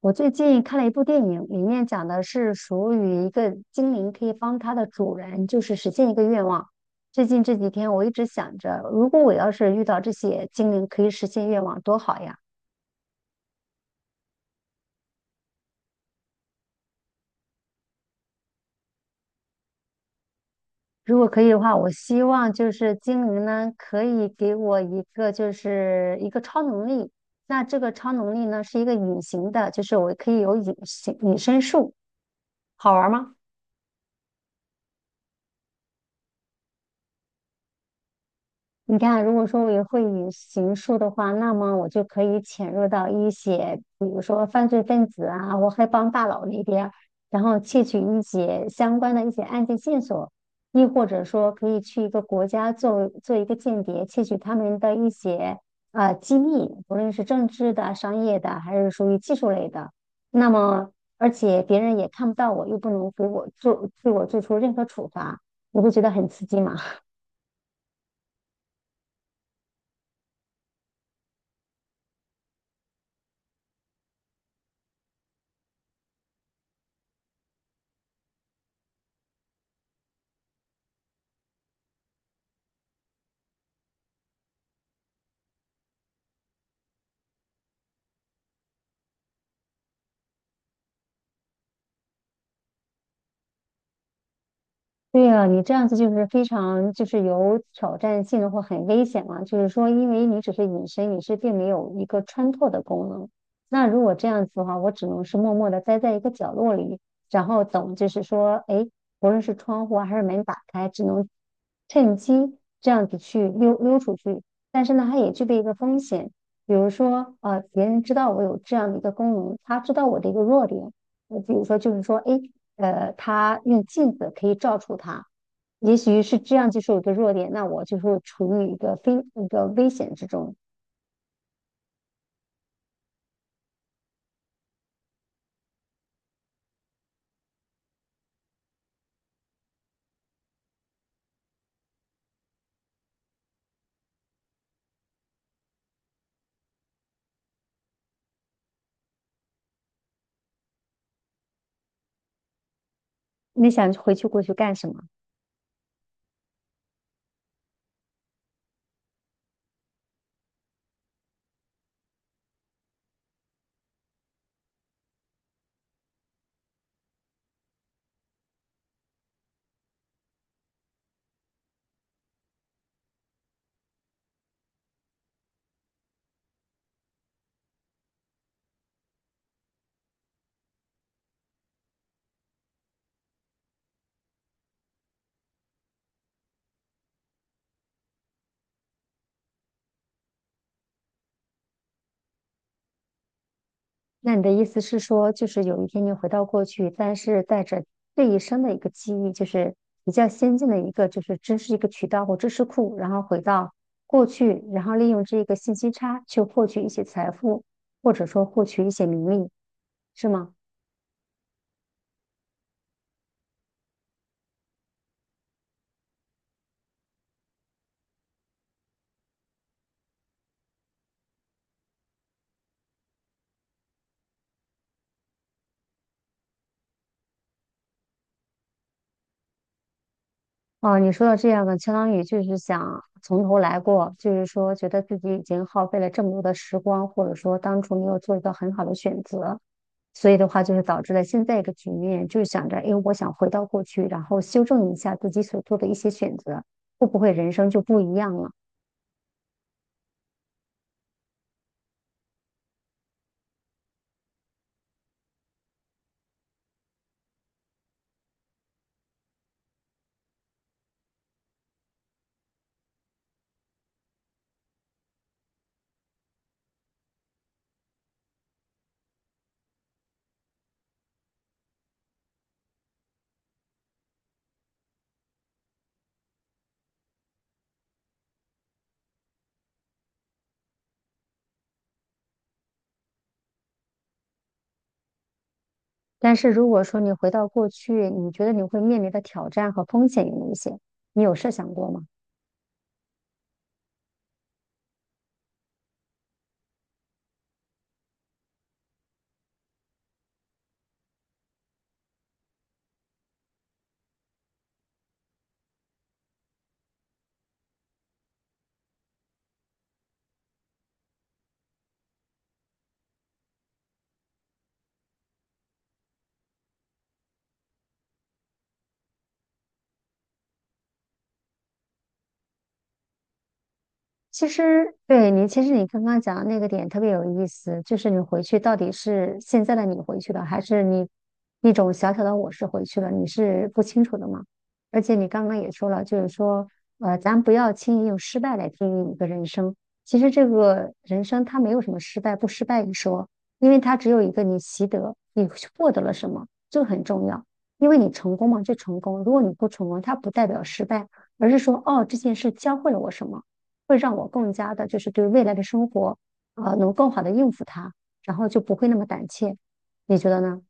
我最近看了一部电影，里面讲的是属于一个精灵可以帮它的主人，就是实现一个愿望。最近这几天我一直想着，如果我要是遇到这些精灵可以实现愿望，多好呀！如果可以的话，我希望就是精灵呢可以给我一个就是一个超能力。那这个超能力呢是一个隐形的，就是我可以有隐身术，好玩吗？你看，如果说我也会以刑述的话，那么我就可以潜入到一些，比如说犯罪分子啊，或黑帮大佬那边，然后窃取一些相关的一些案件线索，亦或者说可以去一个国家做做一个间谍，窃取他们的一些机密，无论是政治的、商业的，还是属于技术类的。那么，而且别人也看不到我，又不能给我做对我做出任何处罚，你会觉得很刺激吗？对啊，你这样子就是非常就是有挑战性的或很危险嘛。就是说，因为你只是隐身，你是并没有一个穿透的功能。那如果这样子的话，我只能是默默的待在一个角落里，然后等，就是说，哎，无论是窗户啊还是门打开，只能趁机这样子去溜出去。但是呢，它也具备一个风险，比如说，别人知道我有这样的一个功能，他知道我的一个弱点。比如说，就是说，哎，他用镜子可以照出他，也许是这样，就是我的弱点。那我就是处于一个非一个危险之中。你想回去过去干什么？那你的意思是说，就是有一天你回到过去，但是带着这一生的一个记忆，就是比较先进的一个，就是知识一个渠道或知识库，然后回到过去，然后利用这个信息差去获取一些财富，或者说获取一些名利，是吗？哦，你说的这样的，相当于就是想从头来过，就是说觉得自己已经耗费了这么多的时光，或者说当初没有做一个很好的选择，所以的话就是导致了现在一个局面，就是想着，哎，我想回到过去，然后修正一下自己所做的一些选择，会不会人生就不一样了？但是如果说你回到过去，你觉得你会面临的挑战和风险有哪些？你有设想过吗？其实，对你，其实你刚刚讲的那个点特别有意思，就是你回去到底是现在的你回去了，还是你一种小小的我是回去了，你是不清楚的嘛？而且你刚刚也说了，就是说，咱不要轻易用失败来定义一个人生。其实这个人生它没有什么失败不失败一说，因为它只有一个你习得，你获得了什么，这个很重要。因为你成功嘛，就成功；如果你不成功，它不代表失败，而是说，哦，这件事教会了我什么。会让我更加的，就是对未来的生活，能更好的应付它，然后就不会那么胆怯。你觉得呢？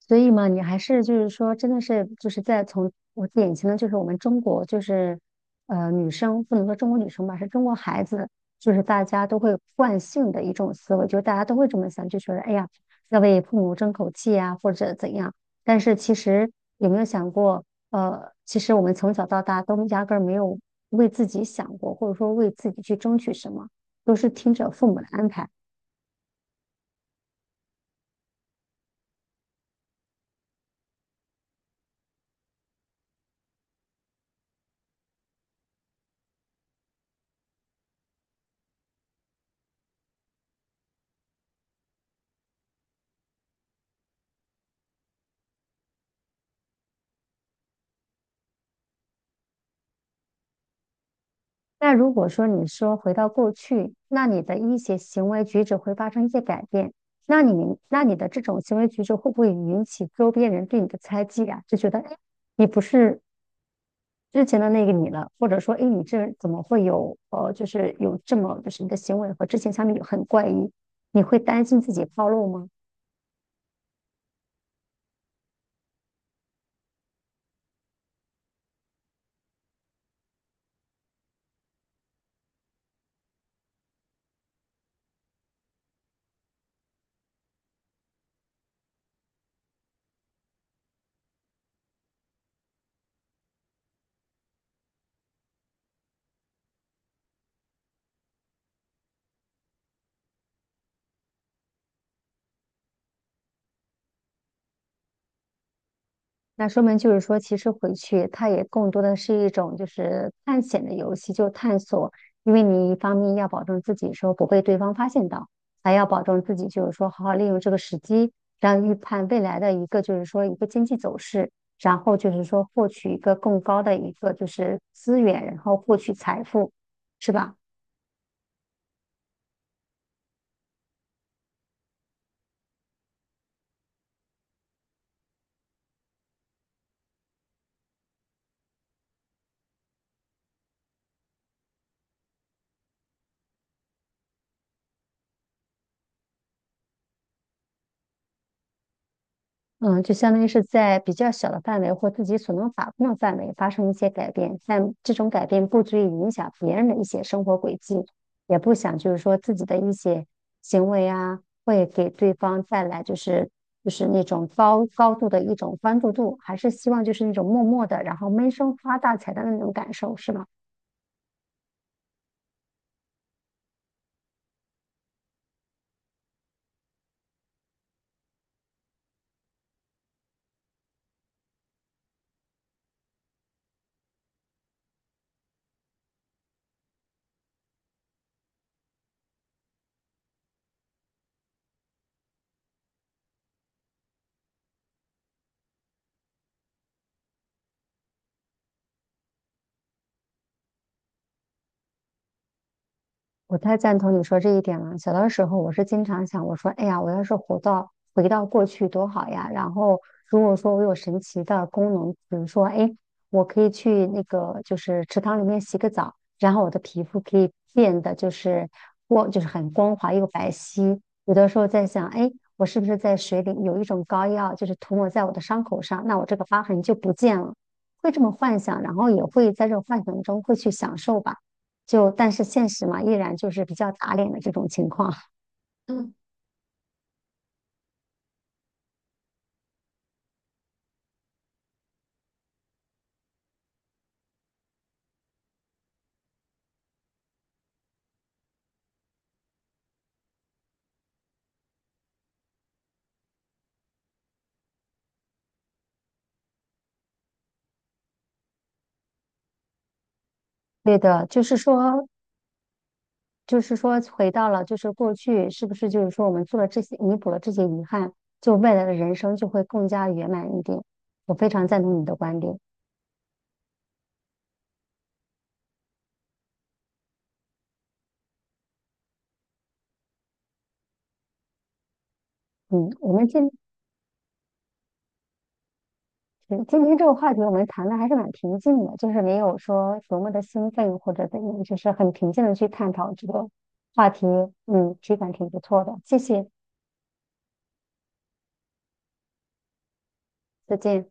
所以嘛，你还是就是说，真的是就是在从我眼前的就是我们中国就是女生不能说中国女生吧，是中国孩子，就是大家都会惯性的一种思维，就是大家都会这么想，就觉得哎呀要为父母争口气啊，或者怎样。但是其实有没有想过，其实我们从小到大都压根儿没有为自己想过，或者说为自己去争取什么，都是听着父母的安排。那如果说你说回到过去，那你的一些行为举止会发生一些改变，那你的这种行为举止会不会引起周边人对你的猜忌啊？就觉得哎，诶你不是之前的那个你了，或者说哎，诶你这人怎么会有这么就是你的行为和之前相比很怪异，你会担心自己暴露吗？那说明就是说，其实回去它也更多的是一种就是探险的游戏，就探索。因为你一方面要保证自己说不被对方发现到，还要保证自己就是说好好利用这个时机，然后预判未来的一个就是说一个经济走势，然后就是说获取一个更高的一个就是资源，然后获取财富，是吧？嗯，就相当于是在比较小的范围或自己所能把控的范围发生一些改变，但这种改变不足以影响别人的一些生活轨迹，也不想就是说自己的一些行为啊，会给对方带来就是那种高高度的一种关注度，还是希望就是那种默默的，然后闷声发大财的那种感受，是吗？我太赞同你说这一点了。小的时候，我是经常想，我说，哎呀，我要是回到过去多好呀！然后，如果说我有神奇的功能，比如说，哎，我可以去那个就是池塘里面洗个澡，然后我的皮肤可以变得就是很光滑又白皙。有的时候在想，哎，我是不是在水里有一种膏药，就是涂抹在我的伤口上，那我这个疤痕就不见了。会这么幻想，然后也会在这种幻想中会去享受吧。就但是现实嘛，依然就是比较打脸的这种情况。嗯，对的，就是说，回到了就是过去，是不是就是说我们做了这些，弥补了这些遗憾，就未来的人生就会更加圆满一点。我非常赞同你的观点。嗯，我们今嗯今天这个话题我们谈的还是蛮平静的，就是没有说多么的兴奋或者怎样，就是很平静的去探讨这个话题。嗯，体感挺不错的，谢谢，再见。